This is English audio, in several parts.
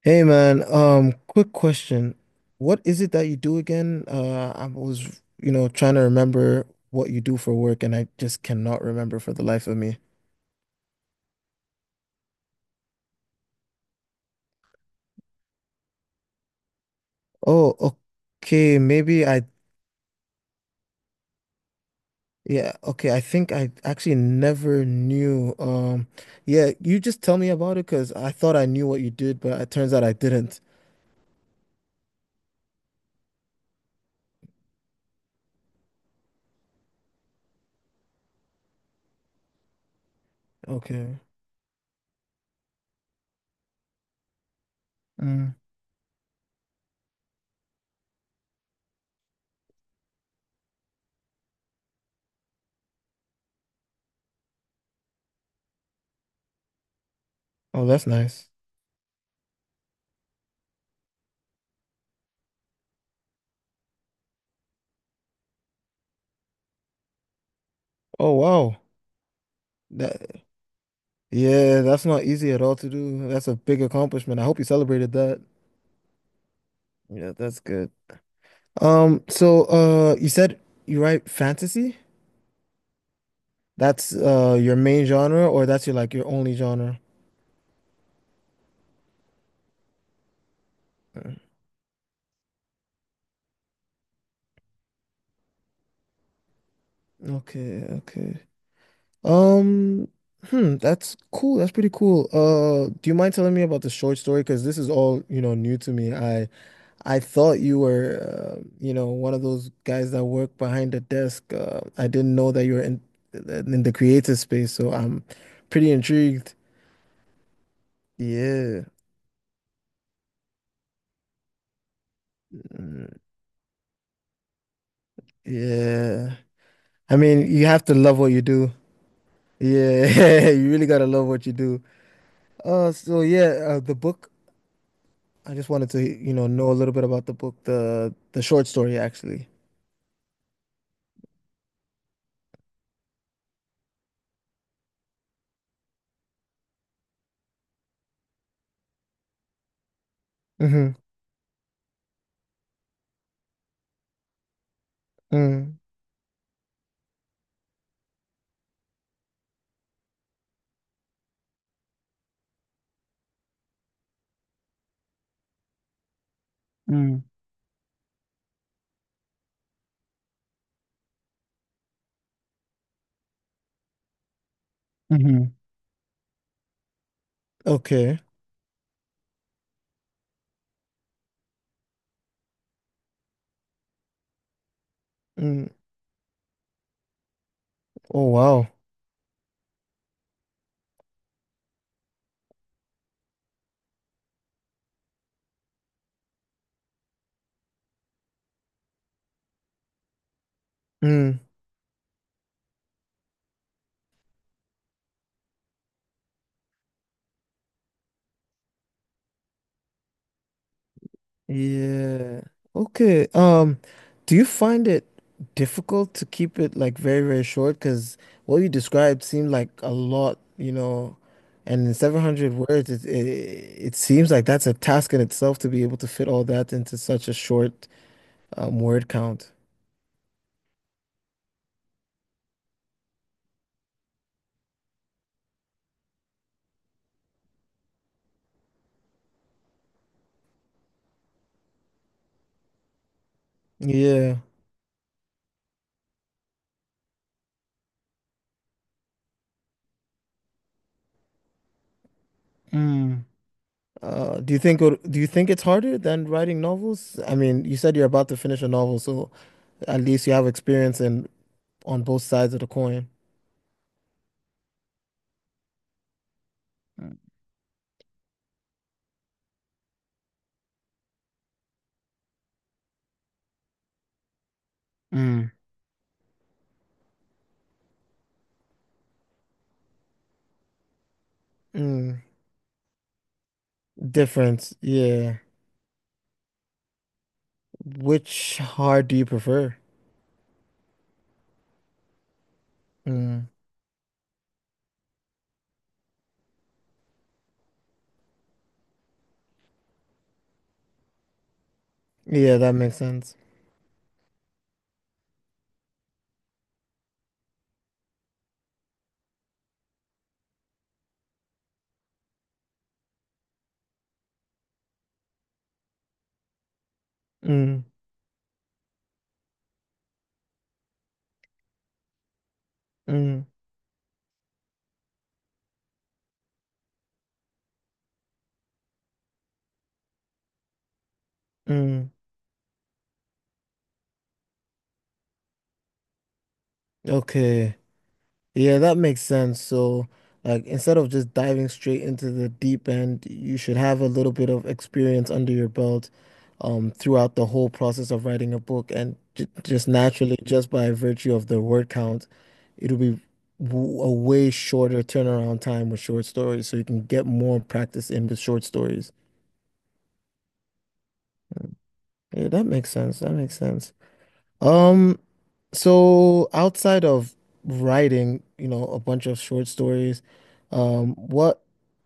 Hey man, quick question. What is it that you do again? I was, trying to remember what you do for work and I just cannot remember for the life of me. Oh, okay, yeah, okay, I think I actually never knew. Yeah, you just tell me about it because I thought I knew what you did, but it turns out I didn't. Okay. Mm. Oh, that's nice. Oh, wow. That, yeah, that's not easy at all to do. That's a big accomplishment. I hope you celebrated that. Yeah, that's good. So you said you write fantasy? That's your main genre or that's your your only genre? Mm. Okay, okay. Um, that's cool. That's pretty cool. Do you mind telling me about the short story? Because this is all, new to me. I thought you were, one of those guys that work behind the desk. I didn't know that you were in the creative space, so I'm pretty intrigued. Yeah. Mm. Yeah. I mean, you have to love what you do. Yeah, you really gotta love what you do. The book. I just wanted to, know a little bit about the book, the short story actually. Mm-hmm. Mm. Mm, mm-hmm. Okay. Mm. Oh wow. Mm. Yeah. Okay. Do you find it difficult to keep it like very, very short? Because what you described seemed like a lot, and in 700 words, it seems like that's a task in itself to be able to fit all that into such a short word count. Yeah. Mm. Do you think it's harder than writing novels? I mean, you said you're about to finish a novel, so at least you have experience in on both sides of the coin. Mm. Mm. Difference, yeah. Which hard do you prefer? Mm. Yeah, that makes sense. Mm, mm, mm. Okay. Yeah, that makes sense. So, like, instead of just diving straight into the deep end, you should have a little bit of experience under your belt, throughout the whole process of writing a book, and j just naturally, just by virtue of the word count, it'll be w a way shorter turnaround time with short stories, so you can get more practice in the short stories. Yeah, that makes sense. That makes sense. Um, so outside of writing, a bunch of short stories, what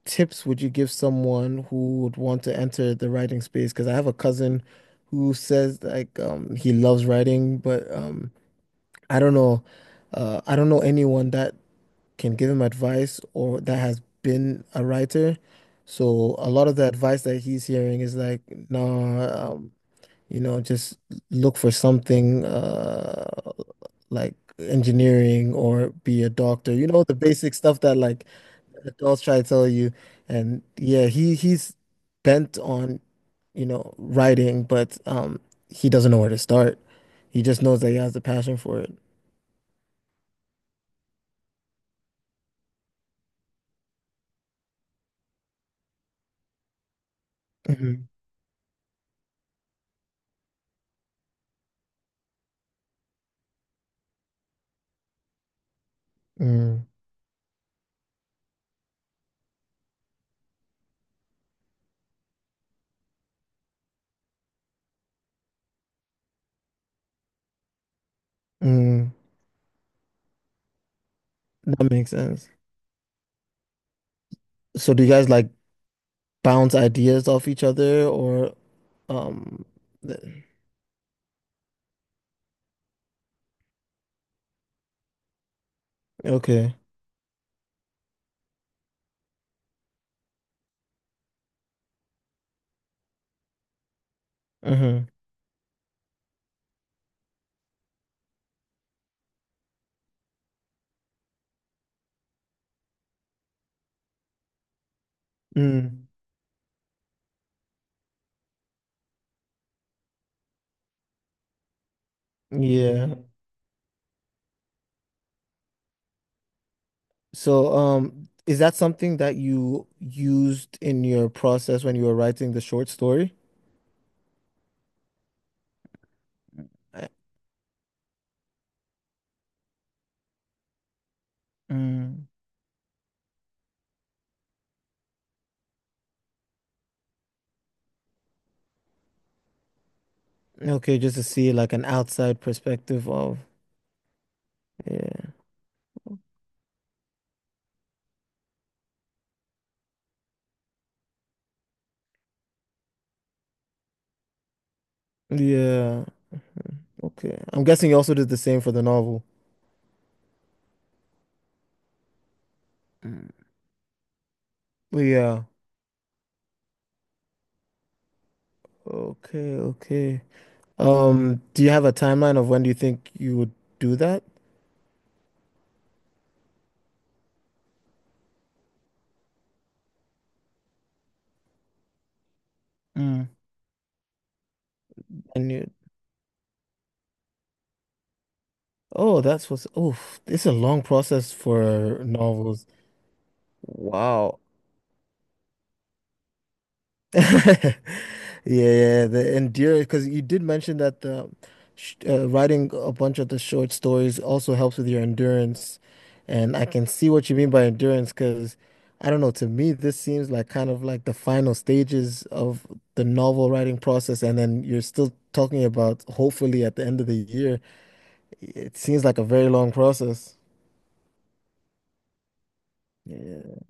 tips would you give someone who would want to enter the writing space? Because I have a cousin who says like he loves writing, but I don't know I don't know anyone that can give him advice or that has been a writer. So a lot of the advice that he's hearing is like, no. You know, just look for something like engineering or be a doctor. You know, the basic stuff that like adults try to tell you. And yeah, he's bent on, writing, but he doesn't know where to start. He just knows that he has the passion for it. Mhm. Mm, mm, that makes sense. So do you guys like bounce ideas off each other or um th- okay. Mm-hmm. Mm. Yeah. So, is that something that you used in your process when you were writing the short story? I- Mm. Okay, just to see like an outside perspective of, yeah, yeah, okay. I'm guessing you also did the same for the novel. Mm. Yeah, okay, okay. Do you have a timeline of when do you think you would do that? Mm. And you, oh, it's a long process for novels. Wow. Yeah, yeah, the endurance, because you did mention that the sh writing a bunch of the short stories also helps with your endurance, and I can see what you mean by endurance. Because I don't know, to me, this seems like kind of like the final stages of the novel writing process, and then you're still talking about hopefully at the end of the year. It seems like a very long process. Yeah.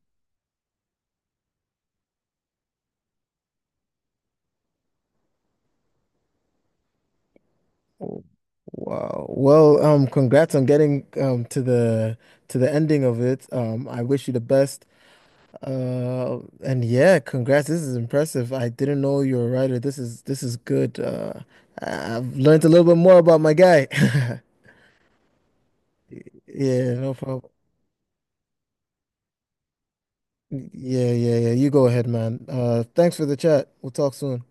Wow. Well, congrats on getting to the ending of it. I wish you the best. And yeah, congrats. This is impressive. I didn't know you were a writer. This is good. I've learned a little bit more about my guy. Yeah, no problem. Yeah, yeah, yeah. You go ahead, man. Thanks for the chat. We'll talk soon.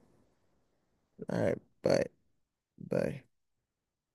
All right, bye. Bye.